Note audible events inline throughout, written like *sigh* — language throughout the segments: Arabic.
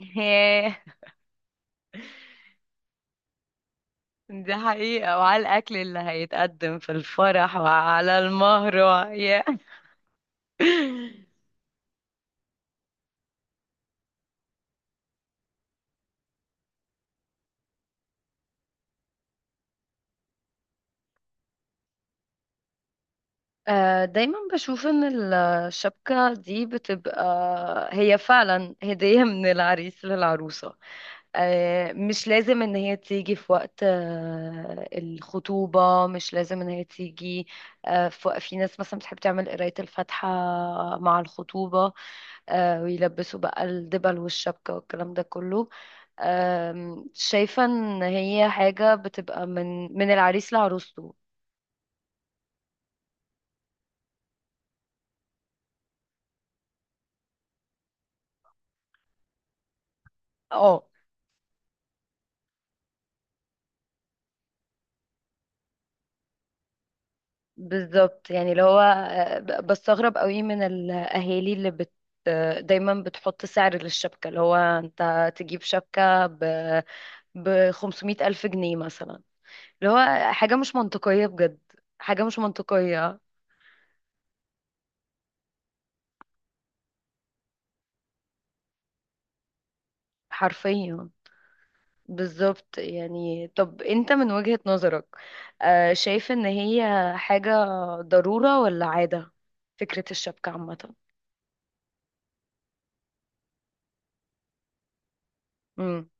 *laughs* ياه. دي حقيقة، وعلى الأكل اللي هيتقدم في الفرح وعلى المهر ياه. *laughs* دايما بشوف ان الشبكة دي بتبقى هي فعلا هدية *laughs* من العريس للعروسة. مش لازم ان هي تيجي في وقت الخطوبة، مش لازم ان هي تيجي في في ناس مثلا بتحب تعمل قراية الفاتحة مع الخطوبة، ويلبسوا بقى الدبل والشبكة والكلام ده كله. شايفة ان هي حاجة بتبقى من العريس لعروسته. اه بالظبط، يعني اللي هو بستغرب قوي من الاهالي اللي بت دايما بتحط سعر للشبكة، اللي هو انت تجيب شبكة ب 500 ألف جنيه مثلا، اللي هو حاجة مش منطقية بجد. حاجة مش منطقية. حرفيا. بالظبط. يعني طب انت من وجهة نظرك شايف ان هي حاجة ضرورة ولا عادة، فكرة الشبكة عامة؟ امم.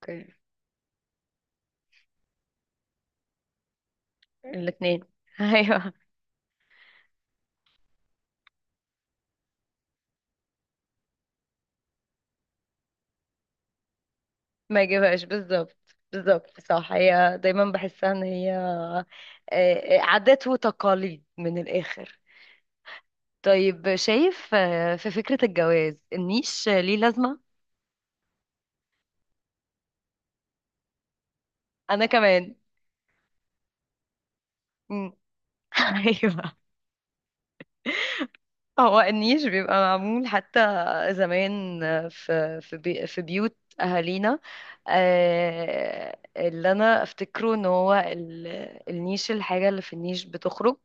اوكي. الاتنين *laughs* ايوه. ما يجيبهاش بالظبط. بالظبط صح، هي دايما بحسها ان هي عادات وتقاليد من الاخر. طيب شايف في فكرة الجواز، النيش ليه لازمة؟ انا كمان. امم. *laughs* ايوه. اه هو النيش بيبقى معمول حتى زمان في في بيوت اهالينا. اللي انا افتكره ان هو النيش، الحاجة اللي في النيش بتخرج،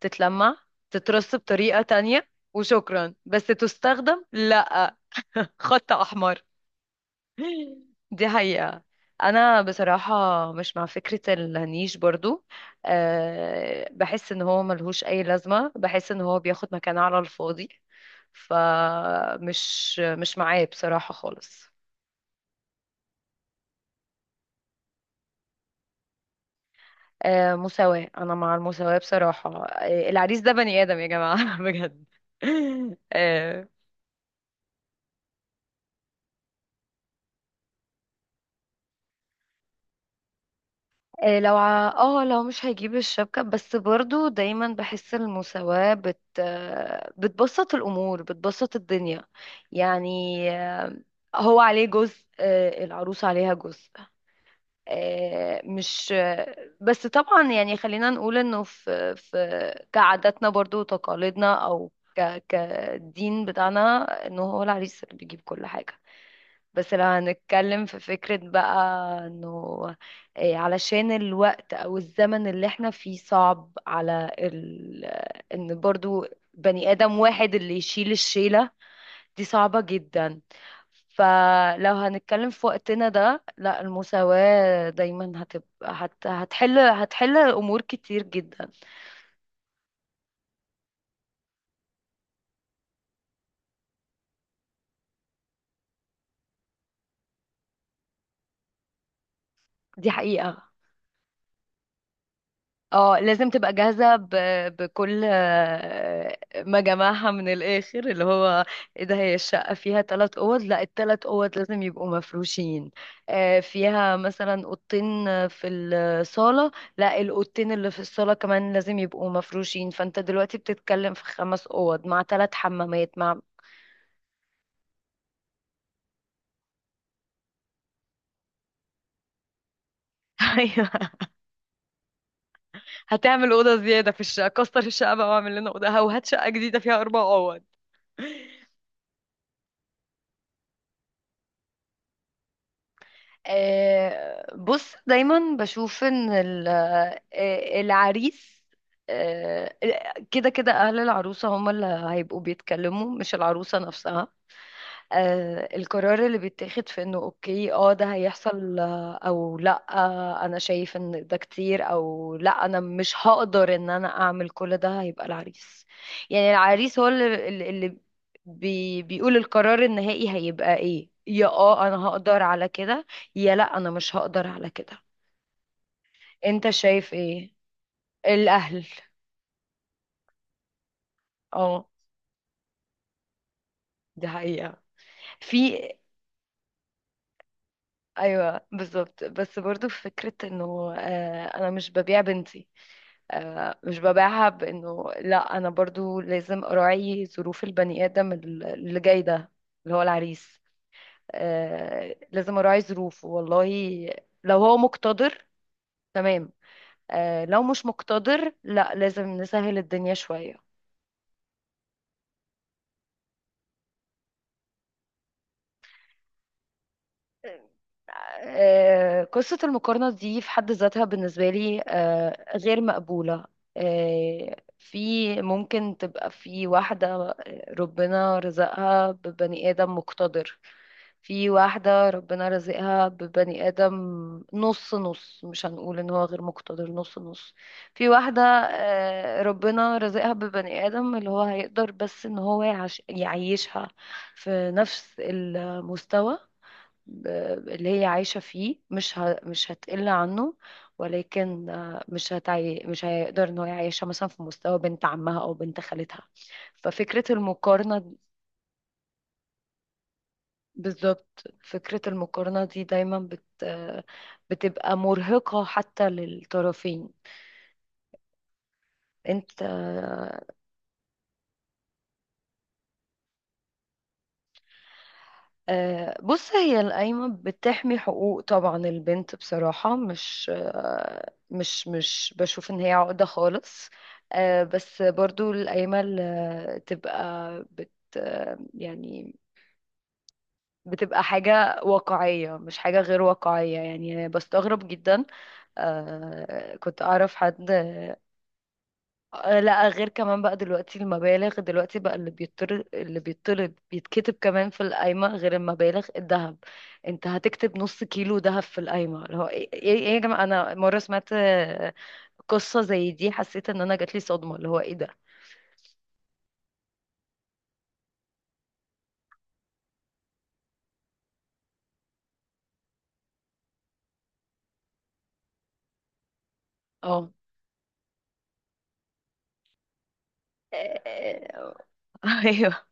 تتلمع، تترص بطريقة تانية، وشكرا بس تستخدم لا. *laughs* خط احمر. دي حقيقة. أنا بصراحة مش مع فكرة النيش برضو. أه بحس إن هو ملهوش أي لازمة، بحس إن هو بياخد مكان على الفاضي. فمش مش معاه بصراحة خالص. أه مساواة، أنا مع المساواة بصراحة. أه العريس ده بني آدم يا جماعة *laughs* بجد. أه لو اه لو مش هيجيب الشبكة، بس برضو دايما بحس المساواة بت بتبسط الأمور بتبسط الدنيا. يعني هو عليه جزء، العروس عليها جزء. مش بس طبعا يعني خلينا نقول انه في كعاداتنا برضو وتقاليدنا، او كدين بتاعنا، انه هو العريس اللي بيجيب كل حاجة. بس لو هنتكلم في فكرة بقى انه إيه، علشان الوقت او الزمن اللي احنا فيه صعب على ال... ان برضو بني ادم واحد اللي يشيل الشيلة، دي صعبة جدا. فلو هنتكلم في وقتنا ده، لا المساواة دايما هتبقى هت... هتحل امور كتير جدا. دي حقيقة. اه لازم تبقى جاهزة ب... بكل ما جمعها من الآخر، اللي هو ايه، ده هي الشقة فيها تلات أوض، لا التلات أوض لازم يبقوا مفروشين. فيها مثلا أوضتين في الصالة، لا الأوضتين اللي في الصالة كمان لازم يبقوا مفروشين. فأنت دلوقتي بتتكلم في خمس أوض مع تلات حمامات مع *laughs* أيوه. هتعمل أوضة زيادة في الشقة، كسر الشقة بقى واعمل لنا أوضة وهات شقة جديدة فيها أربع أوض. بص دايما بشوف ان العريس آه، كده كده اهل العروسه هم اللي هيبقوا بيتكلموا مش العروسه نفسها. القرار اللي بيتاخد في انه اوكي اه ده هيحصل او لا، انا شايف ان ده كتير او لا انا مش هقدر ان انا اعمل كل ده، هيبقى العريس. يعني العريس هو اللي بيقول القرار النهائي هيبقى ايه، يا اه انا هقدر على كده يا لا انا مش هقدر على كده. انت شايف ايه؟ الاهل. اه دي حقيقة. في. ايوه بالظبط. بس برضو فكرة انه انا مش ببيع بنتي. مش ببيعها، بانه لا انا برضو لازم اراعي ظروف البني ادم اللي جاي ده، اللي هو العريس. لازم اراعي ظروفه والله. لو هو مقتدر، تمام. لو مش مقتدر، لا لازم نسهل الدنيا شوية. قصة المقارنة دي في حد ذاتها بالنسبة لي غير مقبولة. آه، في ممكن تبقى في واحدة ربنا رزقها ببني آدم مقتدر، في واحدة ربنا رزقها ببني آدم نص نص، مش هنقول ان هو غير مقتدر، نص نص. في واحدة ربنا رزقها ببني آدم اللي هو هيقدر بس ان هو يعش يعيشها في نفس المستوى اللي هي عايشة فيه، مش ه... مش هتقل عنه. ولكن مش هتعي... مش هيقدر ان هو يعيشها مثلا في مستوى بنت عمها او بنت خالتها. ففكرة المقارنة بالظبط، فكرة المقارنة دي دايما بت بتبقى مرهقة حتى للطرفين. انت بص هي القايمة بتحمي حقوق طبعا البنت، بصراحة مش مش بشوف ان هي عقدة خالص. بس برضو القايمة اللي تبقى بت يعني بتبقى حاجة واقعية مش حاجة غير واقعية. يعني بستغرب جدا كنت أعرف حد لا غير كمان بقى دلوقتي المبالغ، دلوقتي بقى اللي بيطرد اللي بيطرد بيتكتب كمان في القايمة غير المبالغ، الذهب. انت هتكتب نص كيلو ذهب في القايمة، اللي هو ايه ايه إيه يا جماعة؟ انا مرة سمعت قصة زي دي، حسيت ان انا جاتلي صدمة، اللي هو ايه ده. اه. *laughs* آه، آه، آه.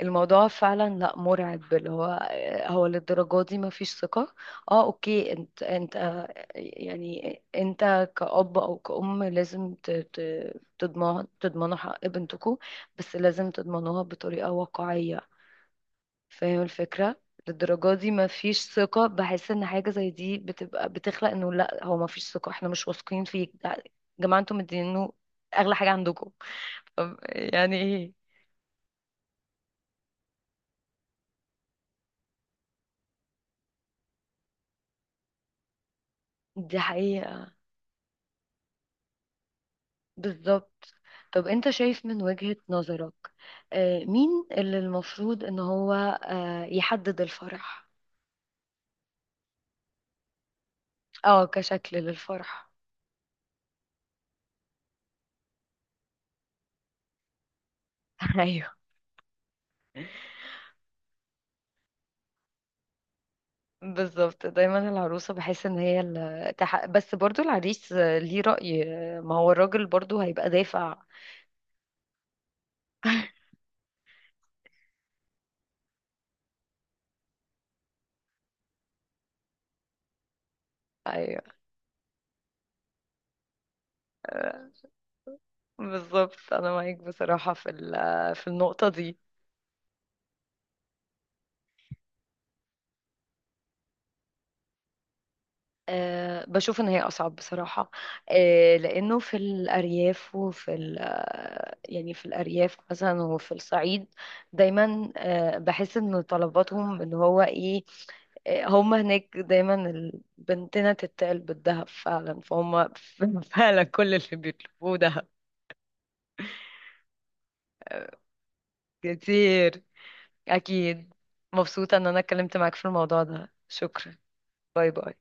الموضوع فعلا لا، مرعب، اللي هو هو للدرجة دي ما فيش ثقة. اه اوكي انت انت يعني انت كأب او كأم لازم تضمن، تضمنوا حق بنتكم، بس لازم تضمنوها بطريقة واقعية. فاهم الفكرة. للدرجة دي ما فيش ثقة، بحس ان حاجة زي دي بتبقى بتخلق انه لا هو ما فيش ثقة احنا مش واثقين فيك. يا جماعة انتم مدينينه اغلى حاجة عندكم. طب يعني ايه؟ دي حقيقة. بالظبط. طب انت شايف من وجهة نظرك مين اللي المفروض ان هو يحدد الفرح؟ اه كشكل للفرح. *laughs* ايوه بالظبط، دايما العروسة بحس ان هي اللي تح... بس برضو العريس ليه رأي. ما هو الراجل برضو هيبقى دافع. ايوه بالظبط، انا معاك بصراحة في في النقطة دي. أه بشوف ان هي اصعب بصراحه. أه لانه في الارياف وفي يعني في الارياف مثلا وفي الصعيد دايما أه بحس ان طلباتهم ان هو ايه. أه هم هناك دايما بنتنا تتقل بالذهب فعلا فهم *laughs* فعلا كل اللي بيطلبوه دهب. كتير. اكيد. مبسوطه ان انا اتكلمت معاك في الموضوع ده، شكرا. باي باي.